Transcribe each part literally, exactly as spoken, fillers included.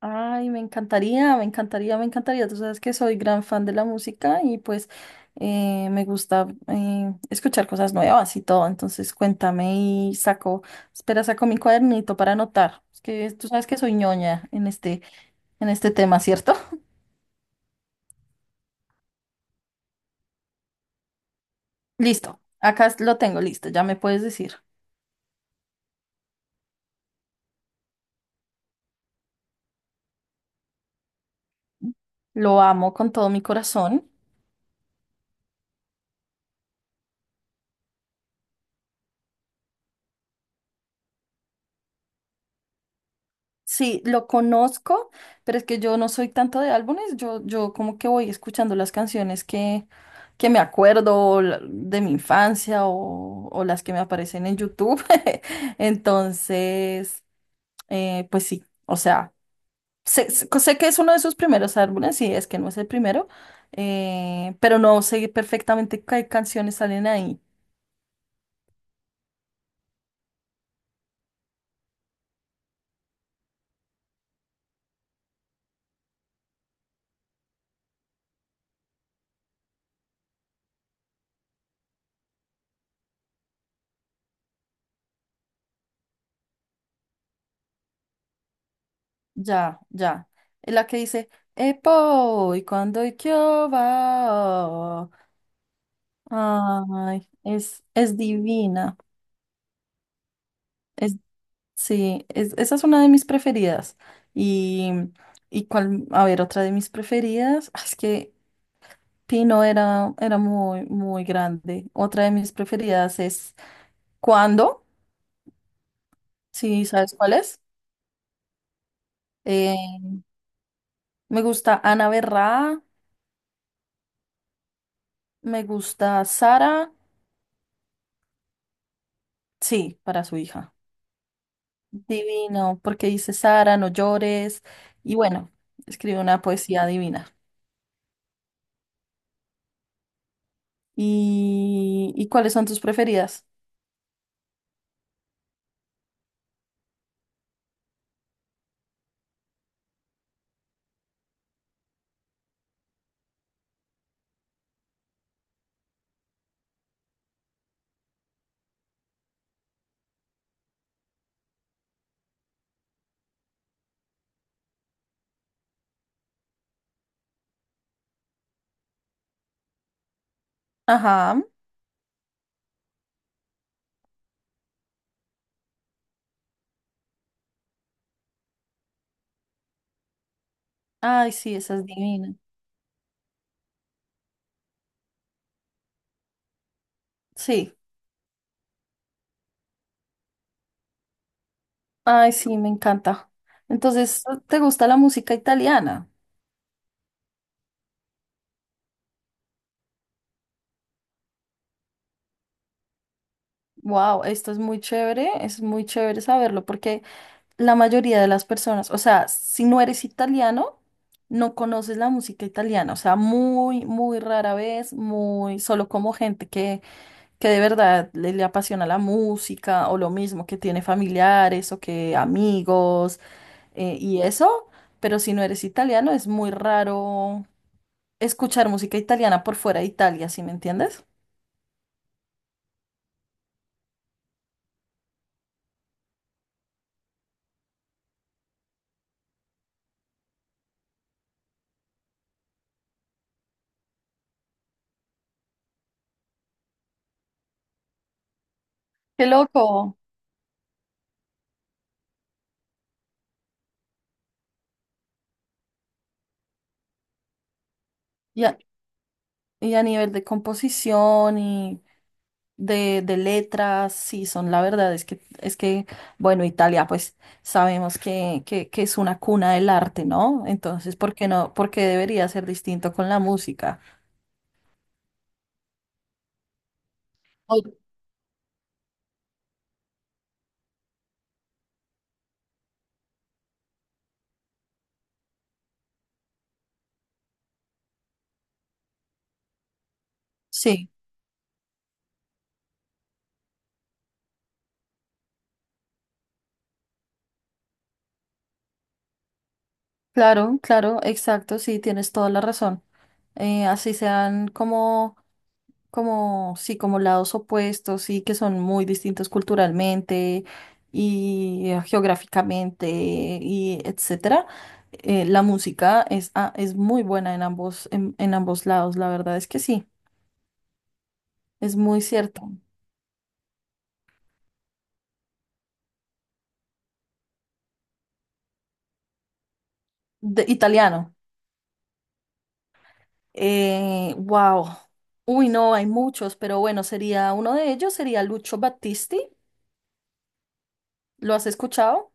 Ay, me encantaría, me encantaría, me encantaría. Tú sabes que soy gran fan de la música y pues eh, me gusta eh, escuchar cosas nuevas y todo. Entonces cuéntame y saco, espera, saco mi cuadernito para anotar. Es que tú sabes que soy ñoña en este, en este tema, ¿cierto? Listo, acá lo tengo listo, ya me puedes decir. Lo amo con todo mi corazón. Sí, lo conozco, pero es que yo no soy tanto de álbumes, yo, yo como que voy escuchando las canciones que, que me acuerdo o la- de mi infancia o, o las que me aparecen en YouTube. Entonces, eh, pues sí, o sea, sé, sé- sé que es uno de sus primeros álbumes, sí, es que no es el primero, eh, pero no sé perfectamente qué canciones salen ahí. Ya, ya. Es la que dice Epo, y cuando y qué va. Ay, es, es divina. Es, sí, es- esa es una de mis preferidas. Y, y cuál, a ver, otra de mis preferidas, ah, es que Pino era, era muy, muy grande. Otra de mis preferidas es Cuando, sí, sabes cuál es. Eh, me gusta Ana Berra, me gusta Sara, sí, para su hija. Divino, porque dice Sara, no llores. Y bueno, escribe una poesía divina. ¿Y, y cuáles son tus preferidas? Ajá. Ay, sí, esa es divina. Sí. Ay, sí, me encanta. Entonces, ¿te gusta la música italiana? Wow, esto es muy chévere, es muy chévere saberlo porque la mayoría de las personas, o sea, si no eres italiano, no conoces la música italiana, o sea, muy, muy rara vez, muy solo como gente que, que de verdad le, le apasiona la música o lo mismo, que tiene familiares o que amigos eh, y eso, pero si no eres italiano es muy raro escuchar música italiana por fuera de Italia, ¿sí me entiendes? Qué loco. Y a, y a nivel de composición y de, de letras, sí, son la verdad, es que, es que, bueno, Italia, pues sabemos que, que, que es una cuna del arte, ¿no? Entonces, ¿por qué no? ¿Por qué debería ser distinto con la música? O- Sí, claro, claro, exacto, sí, tienes toda la razón. Eh, así sean como como, sí, como lados opuestos y que son muy distintos culturalmente y eh, geográficamente y etcétera. Eh, la música es, ah, es muy buena en ambos, en, en ambos lados, la verdad es que sí, es muy cierto. De, italiano. Eh, wow. Uy, no, hay muchos, pero bueno, sería uno de ellos, sería Lucio Battisti. ¿Lo has escuchado?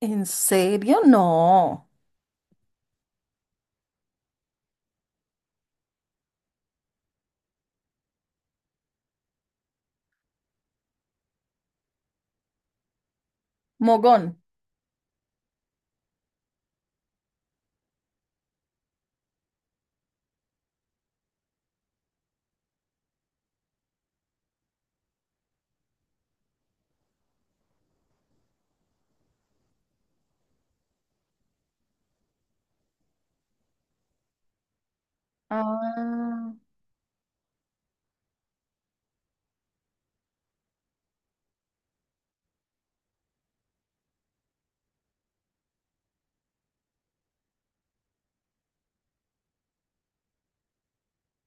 ¿En serio? No. Mogón. Ah.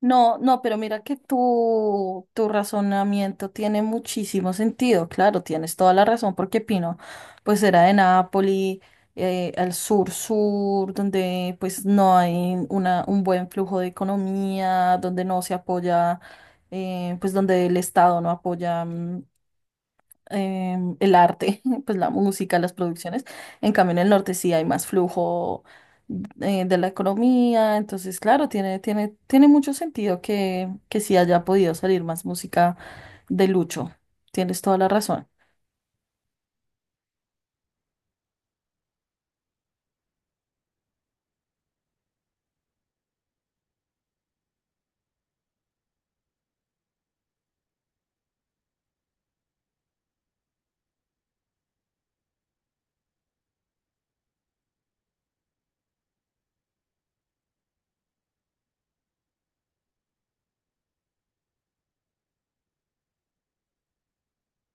No, no, pero mira que tu, tu razonamiento tiene muchísimo sentido, claro, tienes toda la razón, porque Pino, pues era de Nápoli, eh, al sur-sur, donde pues no hay una, un buen flujo de economía, donde no se apoya, eh, pues donde el Estado no apoya mm, em, el arte, pues la música, las producciones. En cambio, en el norte sí hay más flujo eh, de la economía. Entonces, claro, tiene, tiene, tiene mucho sentido que, que sí haya podido salir más música de Lucho. Tienes toda la razón.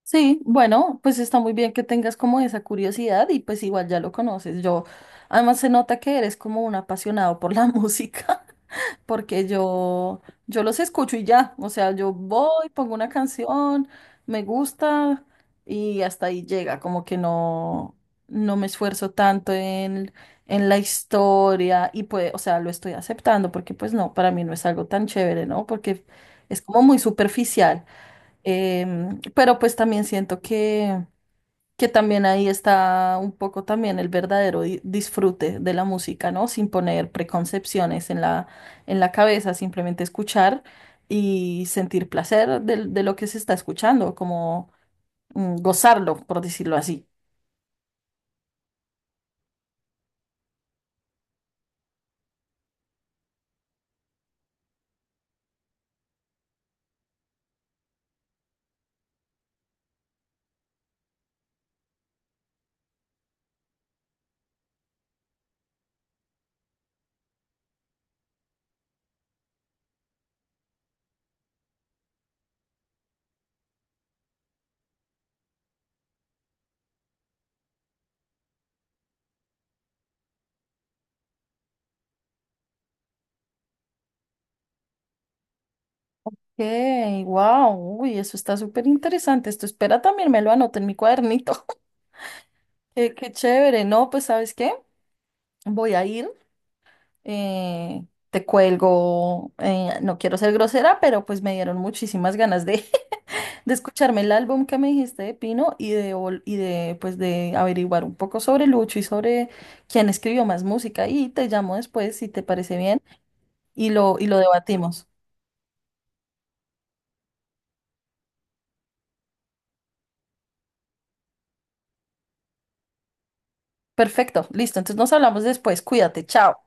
Sí, bueno, pues está muy bien que tengas como esa curiosidad y pues igual ya lo conoces. Yo, además se nota que eres como un apasionado por la música, porque yo, yo los escucho y ya, o sea, yo voy, pongo una canción, me gusta y hasta ahí llega, como que no, no me esfuerzo tanto en, en la historia y pues, o sea, lo estoy aceptando porque pues no, para mí no es algo tan chévere, ¿no? Porque es como muy superficial. Em, pero pues también siento que, que también ahí está un poco también el verdadero di- disfrute de la música, ¿no? Sin poner preconcepciones en la, en la cabeza, simplemente escuchar y sentir placer de, de lo que se está escuchando, como mm, gozarlo, por decirlo así. Okay, wow, uy, eso está súper interesante. Esto espera también me lo anoto en mi cuadernito. Qué, qué chévere, ¿no? Pues ¿sabes qué? Voy a ir. eh, Te cuelgo, eh, no quiero ser grosera, pero pues me dieron muchísimas ganas de, de escucharme el álbum que me dijiste de Pino y de, vol- y de, pues, de averiguar un poco sobre Lucho y sobre quién escribió más música. Y te llamo después si te parece bien y lo, y lo debatimos. Perfecto, listo. Entonces nos hablamos después. Cuídate, chao.